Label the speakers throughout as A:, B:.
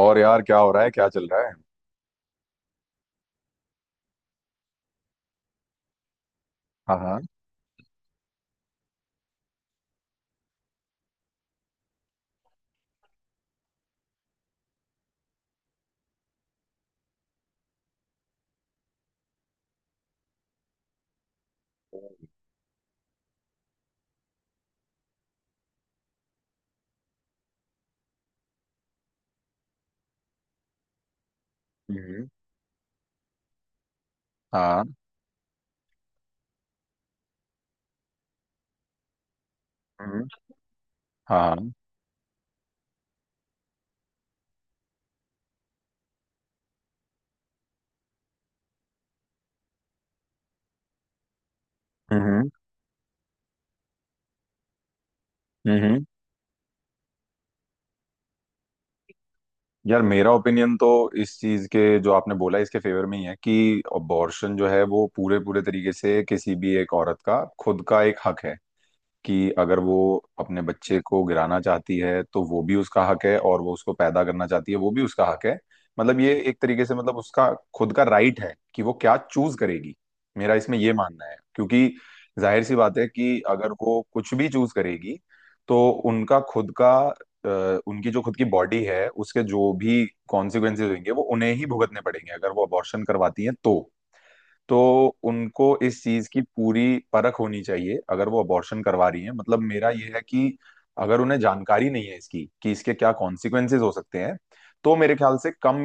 A: और यार क्या हो रहा है, क्या चल रहा है। हाँ हाँ। हम्म। हाँ। हम्म। हाँ। हम्म हम्म। यार मेरा ओपिनियन तो इस चीज के जो आपने बोला इसके फेवर में ही है कि अबॉर्शन जो है वो पूरे पूरे तरीके से किसी भी एक औरत का खुद का एक हक है। कि अगर वो अपने बच्चे को गिराना चाहती है तो वो भी उसका हक है और वो उसको पैदा करना चाहती है वो भी उसका हक है। मतलब ये एक तरीके से मतलब उसका खुद का राइट है कि वो क्या चूज करेगी। मेरा इसमें ये मानना है क्योंकि जाहिर सी बात है कि अगर वो कुछ भी चूज करेगी तो उनका खुद का उनकी जो खुद की बॉडी है उसके जो भी कॉन्सिक्वेंसेज होंगे वो उन्हें ही भुगतने पड़ेंगे अगर वो अबॉर्शन करवाती है तो। तो उनको इस चीज की पूरी परख होनी चाहिए अगर वो अबॉर्शन करवा रही हैं। मतलब मेरा ये है कि अगर उन्हें जानकारी नहीं है इसकी कि इसके क्या कॉन्सिक्वेंसेस हो सकते हैं तो मेरे ख्याल से कम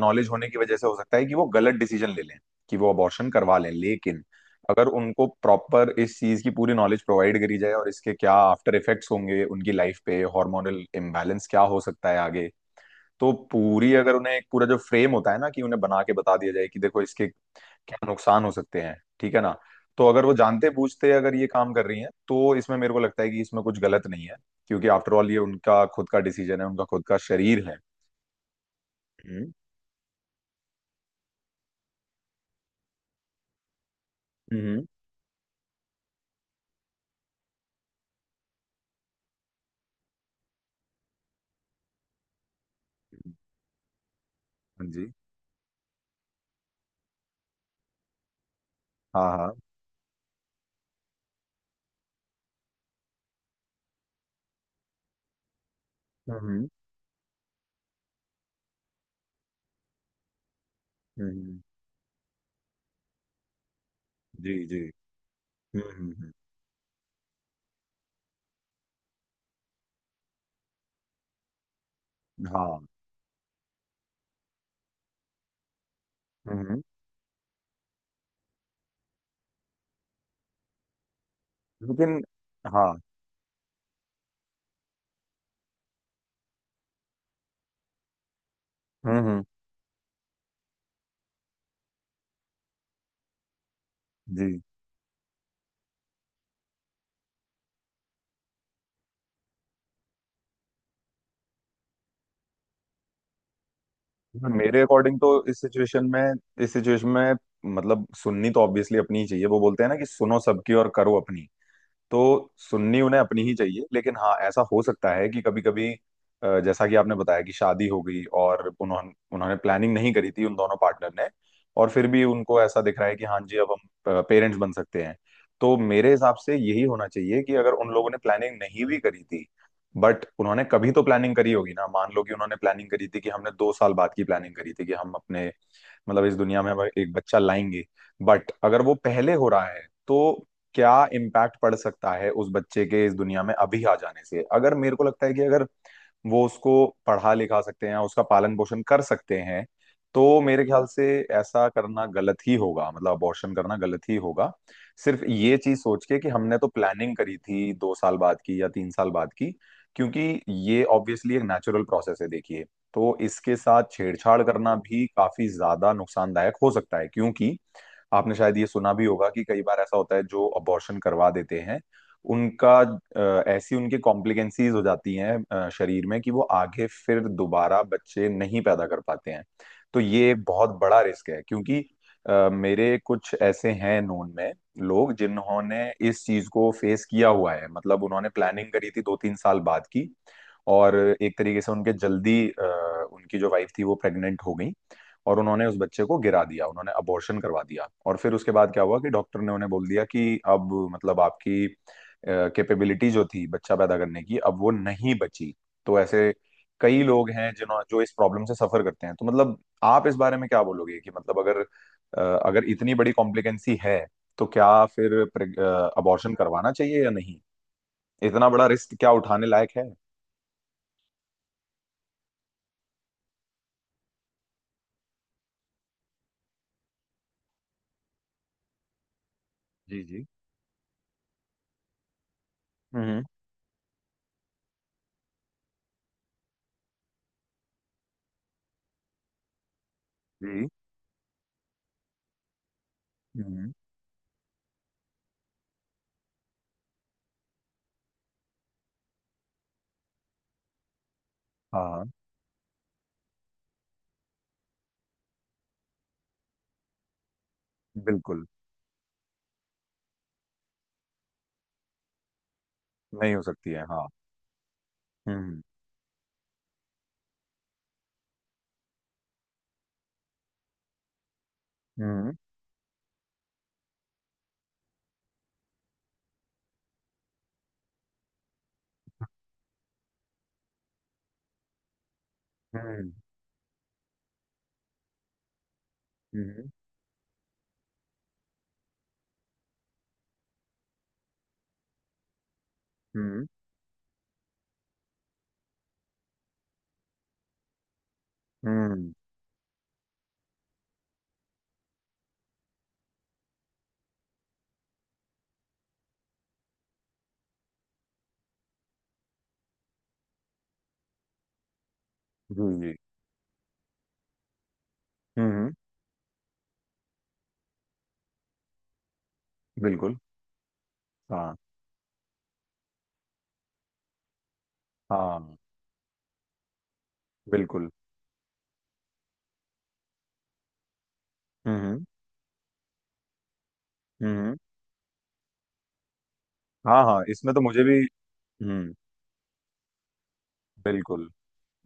A: नॉलेज होने की वजह से हो सकता है कि वो गलत डिसीजन ले लें कि वो अबॉर्शन करवा लें। लेकिन अगर उनको प्रॉपर इस चीज की पूरी नॉलेज प्रोवाइड करी जाए और इसके क्या आफ्टर इफेक्ट्स होंगे उनकी लाइफ पे, हार्मोनल इम्बैलेंस क्या हो सकता है आगे, तो पूरी अगर उन्हें एक पूरा जो फ्रेम होता है ना कि उन्हें बना के बता दिया जाए कि देखो इसके क्या नुकसान हो सकते हैं, ठीक है ना, तो अगर वो जानते बूझते अगर ये काम कर रही हैं तो इसमें मेरे को लगता है कि इसमें कुछ गलत नहीं है। क्योंकि आफ्टर ऑल ये उनका खुद का डिसीजन है, उनका खुद का शरीर है। हम्म हम्म। हाँ जी। हाँ हाँ। हम्म हम्म। जी जी। हम्म हम्म, हाँ। हम्म हम्म। लेकिन हाँ। हम्म हम्म, जी। हाँ, मेरे अकॉर्डिंग तो इस सिचुएशन में, इस सिचुएशन में मतलब सुननी तो ऑब्वियसली अपनी ही चाहिए। वो बोलते हैं ना कि सुनो सबकी और करो अपनी। तो सुननी उन्हें अपनी ही चाहिए, लेकिन हाँ ऐसा हो सकता है कि कभी कभी जैसा कि आपने बताया कि शादी हो गई और उन्होंने उन्होंने प्लानिंग नहीं करी थी उन दोनों पार्टनर ने, और फिर भी उनको ऐसा दिख रहा है कि हाँ जी अब हम पेरेंट्स बन सकते हैं, तो मेरे हिसाब से यही होना चाहिए कि अगर उन लोगों ने प्लानिंग नहीं भी करी थी, बट उन्होंने कभी तो प्लानिंग करी होगी ना। मान लो कि उन्होंने प्लानिंग करी थी कि हमने 2 साल बाद की प्लानिंग करी थी कि हम अपने, मतलब इस दुनिया में हम एक बच्चा लाएंगे। बट अगर वो पहले हो रहा है तो क्या इम्पैक्ट पड़ सकता है उस बच्चे के इस दुनिया में अभी आ जाने से? अगर मेरे को लगता है कि अगर वो उसको पढ़ा लिखा सकते हैं, उसका पालन पोषण कर सकते हैं, तो मेरे ख्याल से ऐसा करना गलत ही होगा, मतलब अबॉर्शन करना गलत ही होगा सिर्फ ये चीज सोच के कि हमने तो प्लानिंग करी थी 2 साल बाद की या 3 साल बाद की। क्योंकि ये ऑब्वियसली एक नेचुरल प्रोसेस है, देखिए, तो इसके साथ छेड़छाड़ करना भी काफी ज्यादा नुकसानदायक हो सकता है। क्योंकि आपने शायद ये सुना भी होगा कि कई बार ऐसा होता है जो अबॉर्शन करवा देते हैं, उनका ऐसी उनकी कॉम्प्लिकेंसीज हो जाती हैं शरीर में कि वो आगे फिर दोबारा बच्चे नहीं पैदा कर पाते हैं। तो ये बहुत बड़ा रिस्क है। क्योंकि मेरे कुछ ऐसे हैं नोन में लोग जिन्होंने इस चीज को फेस किया हुआ है। मतलब उन्होंने प्लानिंग करी थी 2-3 साल बाद की, और एक तरीके से उनके जल्दी उनकी जो वाइफ थी वो प्रेग्नेंट हो गई, और उन्होंने उस बच्चे को गिरा दिया, उन्होंने अबॉर्शन करवा दिया, और फिर उसके बाद क्या हुआ कि डॉक्टर ने उन्हें बोल दिया कि अब मतलब आपकी कैपेबिलिटी जो थी बच्चा पैदा करने की अब वो नहीं बची। तो ऐसे कई लोग हैं जिन्हों जो इस प्रॉब्लम से सफर करते हैं। तो मतलब आप इस बारे में क्या बोलोगे कि मतलब अगर अगर इतनी बड़ी कॉम्प्लिकेंसी है तो क्या फिर अबॉर्शन करवाना चाहिए या नहीं? इतना बड़ा रिस्क क्या उठाने लायक है? जी जी। हम्म। जी। हम्म। हाँ। बिल्कुल नहीं हो सकती है, हाँ। हम्म। हम्म हम्म। हम्म हम्म। हम्म, जी जी। हम्म। बिल्कुल। हाँ हाँ। बिल्कुल। हम्म। हम्म। हाँ हाँ इसमें तो मुझे भी। हम्म। बिल्कुल।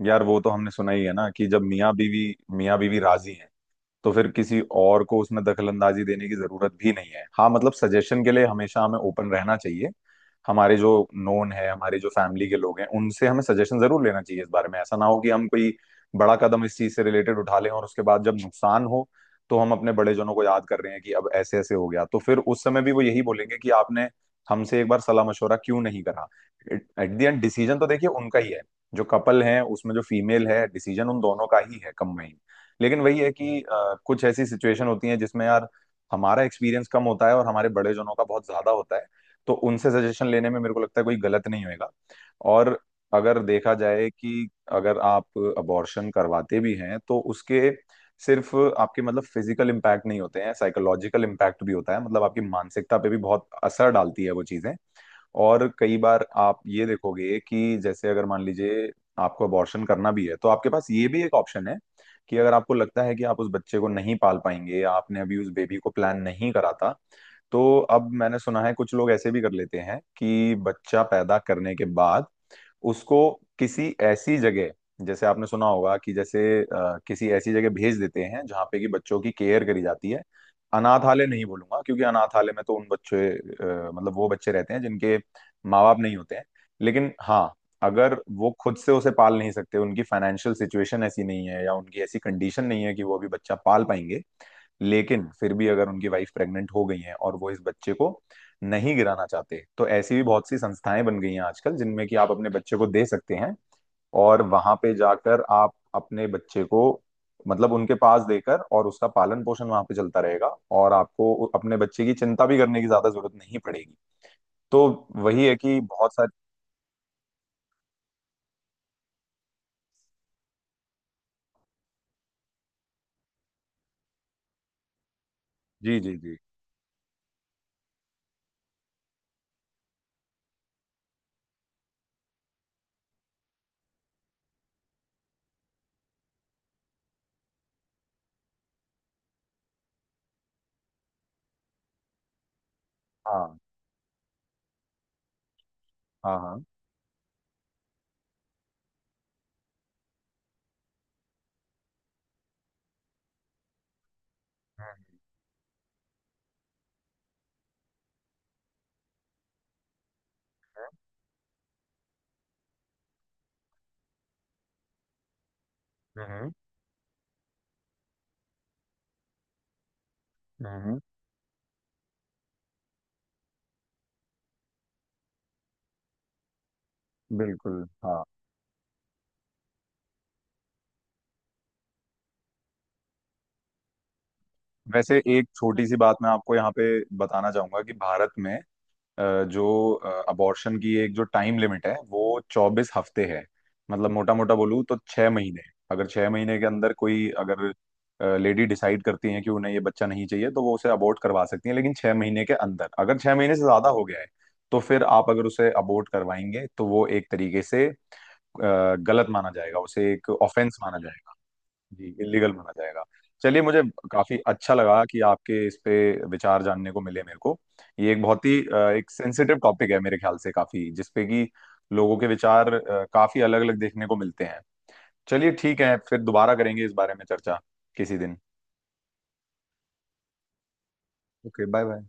A: यार वो तो हमने सुना ही है ना कि जब मियाँ बीवी, मियाँ बीवी राजी हैं तो फिर किसी और को उसमें दखलंदाजी देने की जरूरत भी नहीं है। हाँ मतलब सजेशन के लिए हमेशा हमें ओपन रहना चाहिए। हमारे जो नोन है, हमारे जो फैमिली के लोग हैं, उनसे हमें सजेशन जरूर लेना चाहिए इस बारे में। ऐसा ना हो कि हम कोई बड़ा कदम इस चीज से रिलेटेड उठा लें और उसके बाद जब नुकसान हो तो हम अपने बड़े जनों को याद कर रहे हैं कि अब ऐसे ऐसे हो गया, तो फिर उस समय भी वो यही बोलेंगे कि आपने हमसे एक बार सलाह मशवरा क्यों नहीं करा। एट द एंड डिसीजन तो देखिए उनका ही है। जो कपल है उसमें जो फीमेल है, डिसीजन उन दोनों का ही है कंबाइन। लेकिन वही है कि कुछ ऐसी सिचुएशन होती है जिसमें यार हमारा एक्सपीरियंस कम होता है और हमारे बड़े जनों का बहुत ज्यादा होता है, तो उनसे सजेशन लेने में मेरे को लगता है कोई गलत नहीं होएगा। और अगर देखा जाए कि अगर आप अबॉर्शन करवाते भी हैं तो उसके सिर्फ आपके मतलब फिजिकल इम्पैक्ट नहीं होते हैं, साइकोलॉजिकल इम्पैक्ट भी होता है, मतलब आपकी मानसिकता पे भी बहुत असर डालती है वो चीजें। और कई बार आप ये देखोगे कि जैसे अगर मान लीजिए आपको अबॉर्शन करना भी है तो आपके पास ये भी एक ऑप्शन है कि अगर आपको लगता है कि आप उस बच्चे को नहीं पाल पाएंगे, आपने अभी उस बेबी को प्लान नहीं करा था, तो अब मैंने सुना है कुछ लोग ऐसे भी कर लेते हैं कि बच्चा पैदा करने के बाद उसको किसी ऐसी जगह, जैसे आपने सुना होगा कि जैसे किसी ऐसी जगह भेज देते हैं जहाँ पे कि बच्चों की केयर करी जाती है। अनाथालय नहीं बोलूंगा क्योंकि अनाथालय में तो उन बच्चे मतलब वो बच्चे रहते हैं जिनके माँ बाप नहीं होते हैं। लेकिन हाँ अगर वो खुद से उसे पाल नहीं सकते, उनकी फाइनेंशियल सिचुएशन ऐसी नहीं है या उनकी ऐसी कंडीशन नहीं है कि वो अभी बच्चा पाल पाएंगे, लेकिन फिर भी अगर उनकी वाइफ प्रेग्नेंट हो गई है और वो इस बच्चे को नहीं गिराना चाहते, तो ऐसी भी बहुत सी संस्थाएं बन गई हैं आजकल जिनमें कि आप अपने बच्चे को दे सकते हैं, और वहां पे जाकर आप अपने बच्चे को मतलब उनके पास देकर, और उसका पालन पोषण वहां पे चलता रहेगा, और आपको अपने बच्चे की चिंता भी करने की ज्यादा जरूरत नहीं पड़ेगी। तो वही है कि बहुत सारी। जी जी जी। हाँ हाँ हाँ। हम्म हम्म। हम्म, बिल्कुल हाँ। वैसे एक छोटी सी बात मैं आपको यहाँ पे बताना चाहूंगा कि भारत में जो अबॉर्शन की एक जो टाइम लिमिट है वो 24 हफ्ते है। मतलब मोटा मोटा बोलूँ तो 6 महीने। अगर 6 महीने के अंदर कोई अगर लेडी डिसाइड करती है कि उन्हें ये बच्चा नहीं चाहिए तो वो उसे अबॉर्ट करवा सकती है। लेकिन 6 महीने के अंदर, अगर 6 महीने से ज्यादा हो गया है तो फिर आप अगर उसे अबॉर्ट करवाएंगे तो वो एक तरीके से गलत माना जाएगा, उसे एक ऑफेंस माना जाएगा। जी इलीगल माना जाएगा। चलिए मुझे काफी अच्छा लगा कि आपके इस पे विचार जानने को मिले मेरे को। ये एक बहुत ही एक सेंसिटिव टॉपिक है मेरे ख्याल से काफी, जिसपे कि लोगों के विचार काफी अलग अलग देखने को मिलते हैं। चलिए ठीक है, फिर दोबारा करेंगे इस बारे में चर्चा किसी दिन। Okay bye bye.